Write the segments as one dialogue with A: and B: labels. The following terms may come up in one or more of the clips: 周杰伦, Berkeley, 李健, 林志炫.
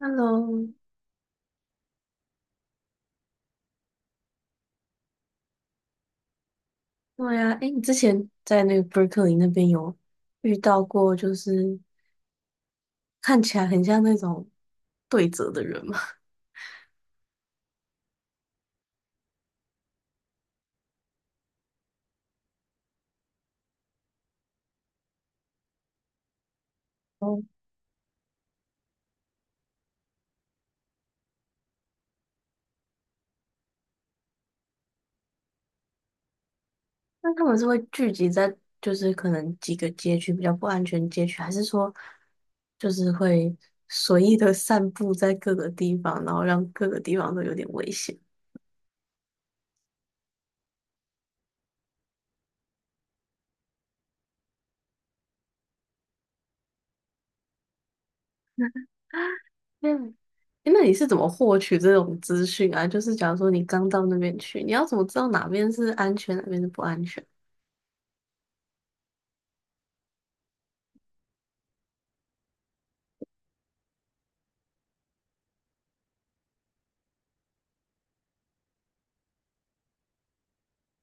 A: Hello，对呀，哎，你之前在那个 Berkeley 那边有遇到过，就是看起来很像那种对折的人吗？哦，那他们是会聚集在可能几个街区比较不安全街区，还是说就是会随意的散布在各个地方，然后让各个地方都有点危险？嗯，诶那你是怎么获取这种资讯啊？就是假如说你刚到那边去，你要怎么知道哪边是安全，哪边是不安全？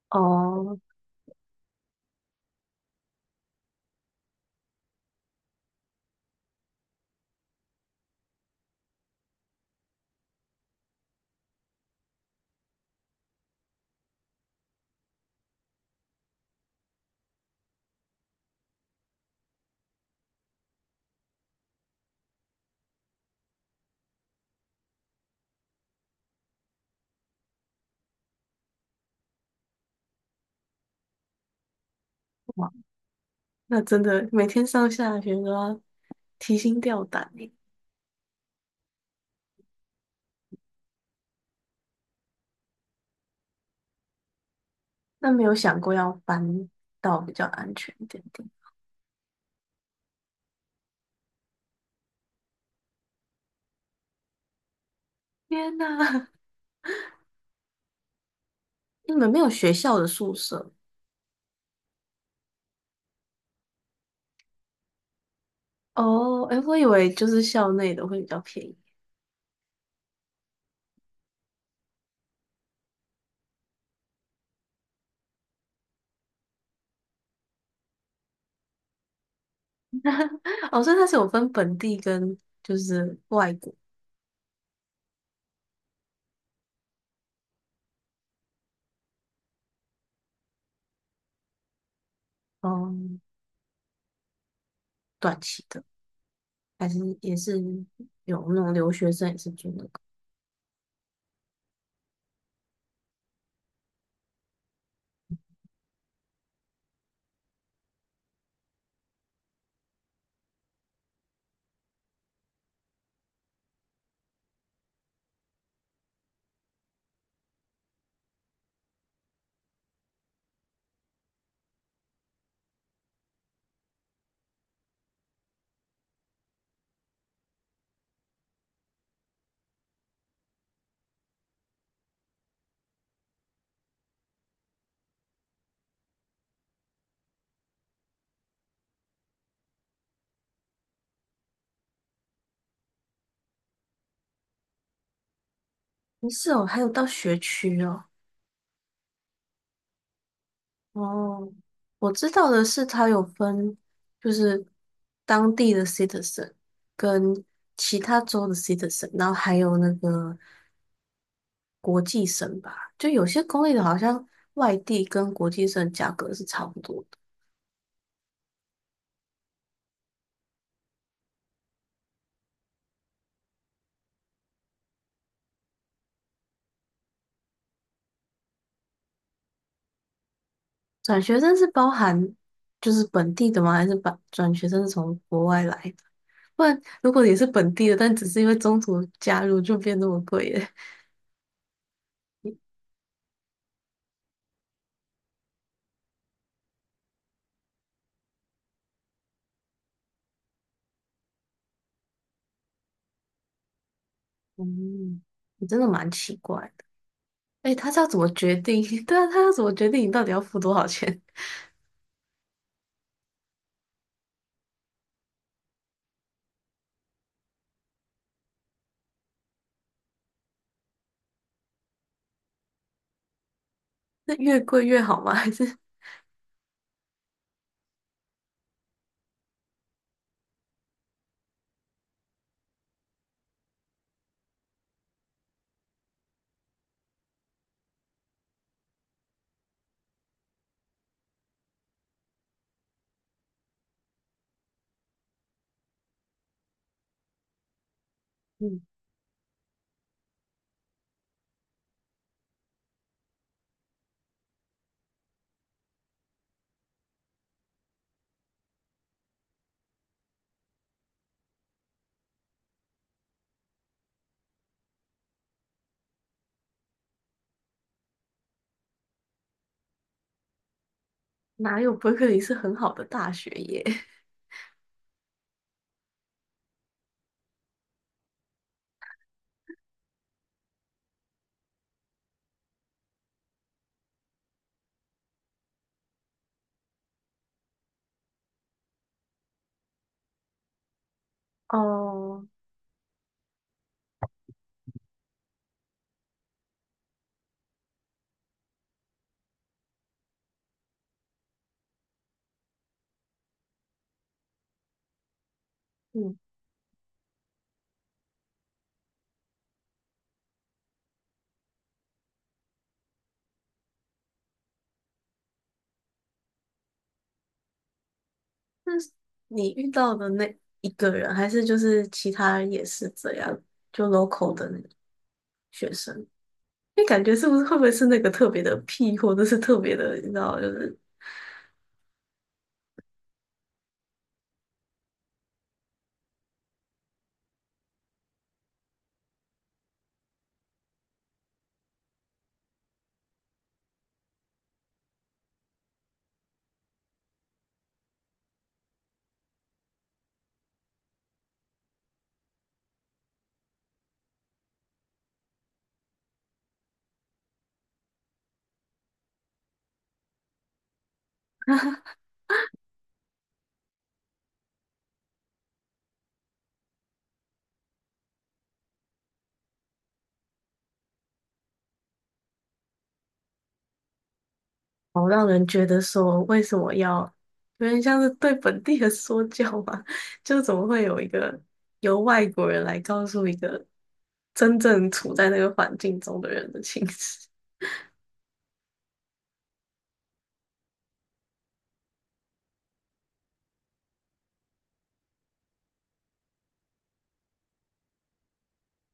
A: 哦，哇。那真的每天上下学都要提心吊胆耶。那没有想过要搬到比较安全一点点。天哪，你们没有学校的宿舍哦？诶，我以为就是校内的会比较便宜。哦，所以它是有分本地跟就是外国，嗯，短期的，还是也是有那种留学生也是住那个？不是哦，还有到学区哦。哦，我知道的是，它有分，就是当地的 citizen 跟其他州的 citizen,然后还有那个国际生吧。就有些公立的，好像外地跟国际生价格是差不多的。转学生是包含就是本地的吗？还是把转学生是从国外来的？不然如果你是本地的，但只是因为中途加入，就变那么贵了。嗯，你真的蛮奇怪。哎，他是要怎么决定？对啊，他要怎么决定你到底要付多少钱？那越贵越好吗？还是嗯，哪有伯克利是很好的大学耶？哦，嗯，那是你遇到的那一个人，还是就是其他人也是这样，就 local 的那个学生？因为感觉是不是会不会是那个特别的屁，或者是特别的，你知道，就是好让人觉得说为什么要有点像是对本地人说教吧？就怎么会有一个由外国人来告诉一个真正处在那个环境中的人的情绪？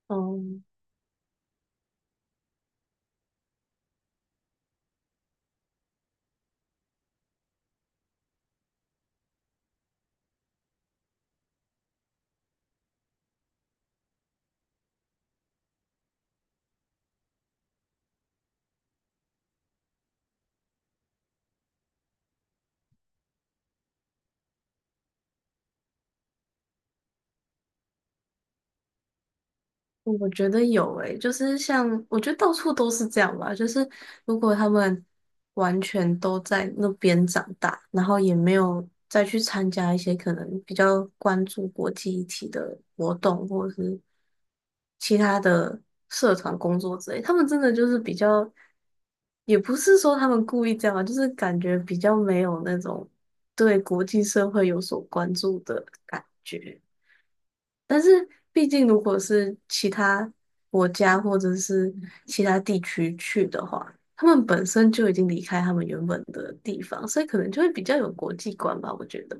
A: 哦，我觉得有诶、就是像我觉得到处都是这样吧，就是如果他们完全都在那边长大，然后也没有再去参加一些可能比较关注国际议题的活动，或者是其他的社团工作之类，他们真的就是比较，也不是说他们故意这样啊，就是感觉比较没有那种对国际社会有所关注的感觉。但是毕竟如果是其他国家或者是其他地区去的话，他们本身就已经离开他们原本的地方，所以可能就会比较有国际观吧，我觉得。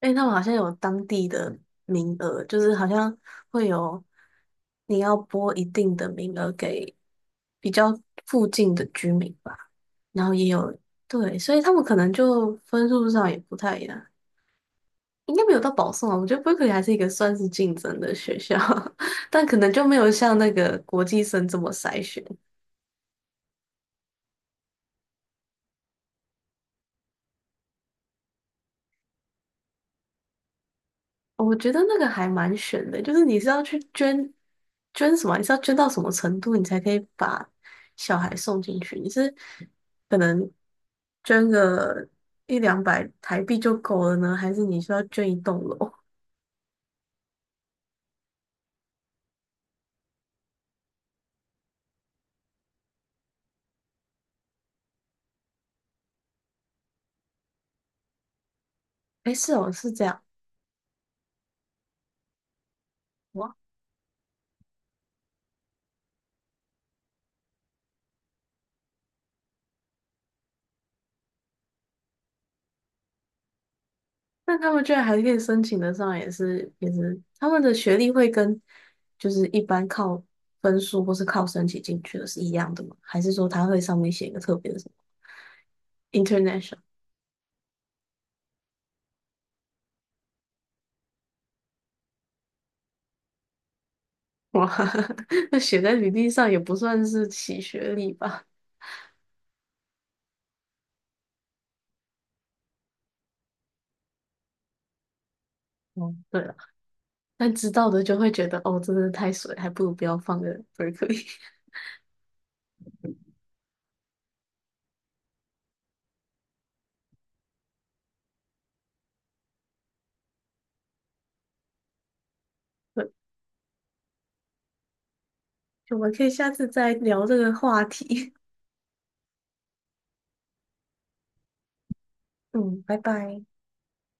A: 哎，他们好像有当地的名额，就是好像会有你要拨一定的名额给比较附近的居民吧，然后也有，对，所以他们可能就分数上也不太一样。应该没有到保送啊，我觉得 Berkeley 还是一个算是竞争的学校，但可能就没有像那个国际生这么筛选。我觉得那个还蛮选的，就是你是要去捐什么啊，你是要捐到什么程度，你才可以把小孩送进去？你是可能捐个一两百台币就够了呢，还是你需要捐一栋楼？哎，是哦，是这样，哇。那他们居然还可以申请得上，也是，他们的学历会跟就是一般靠分数或是靠申请进去的是一样的吗？还是说他会上面写一个特别的什么 international？哇，那写在履历上也不算是洗学历吧？哦，对了，但知道的就会觉得哦，真的太水，还不如不要放个 Berkeley。对，我们可以下次再聊这个话题。嗯，拜拜。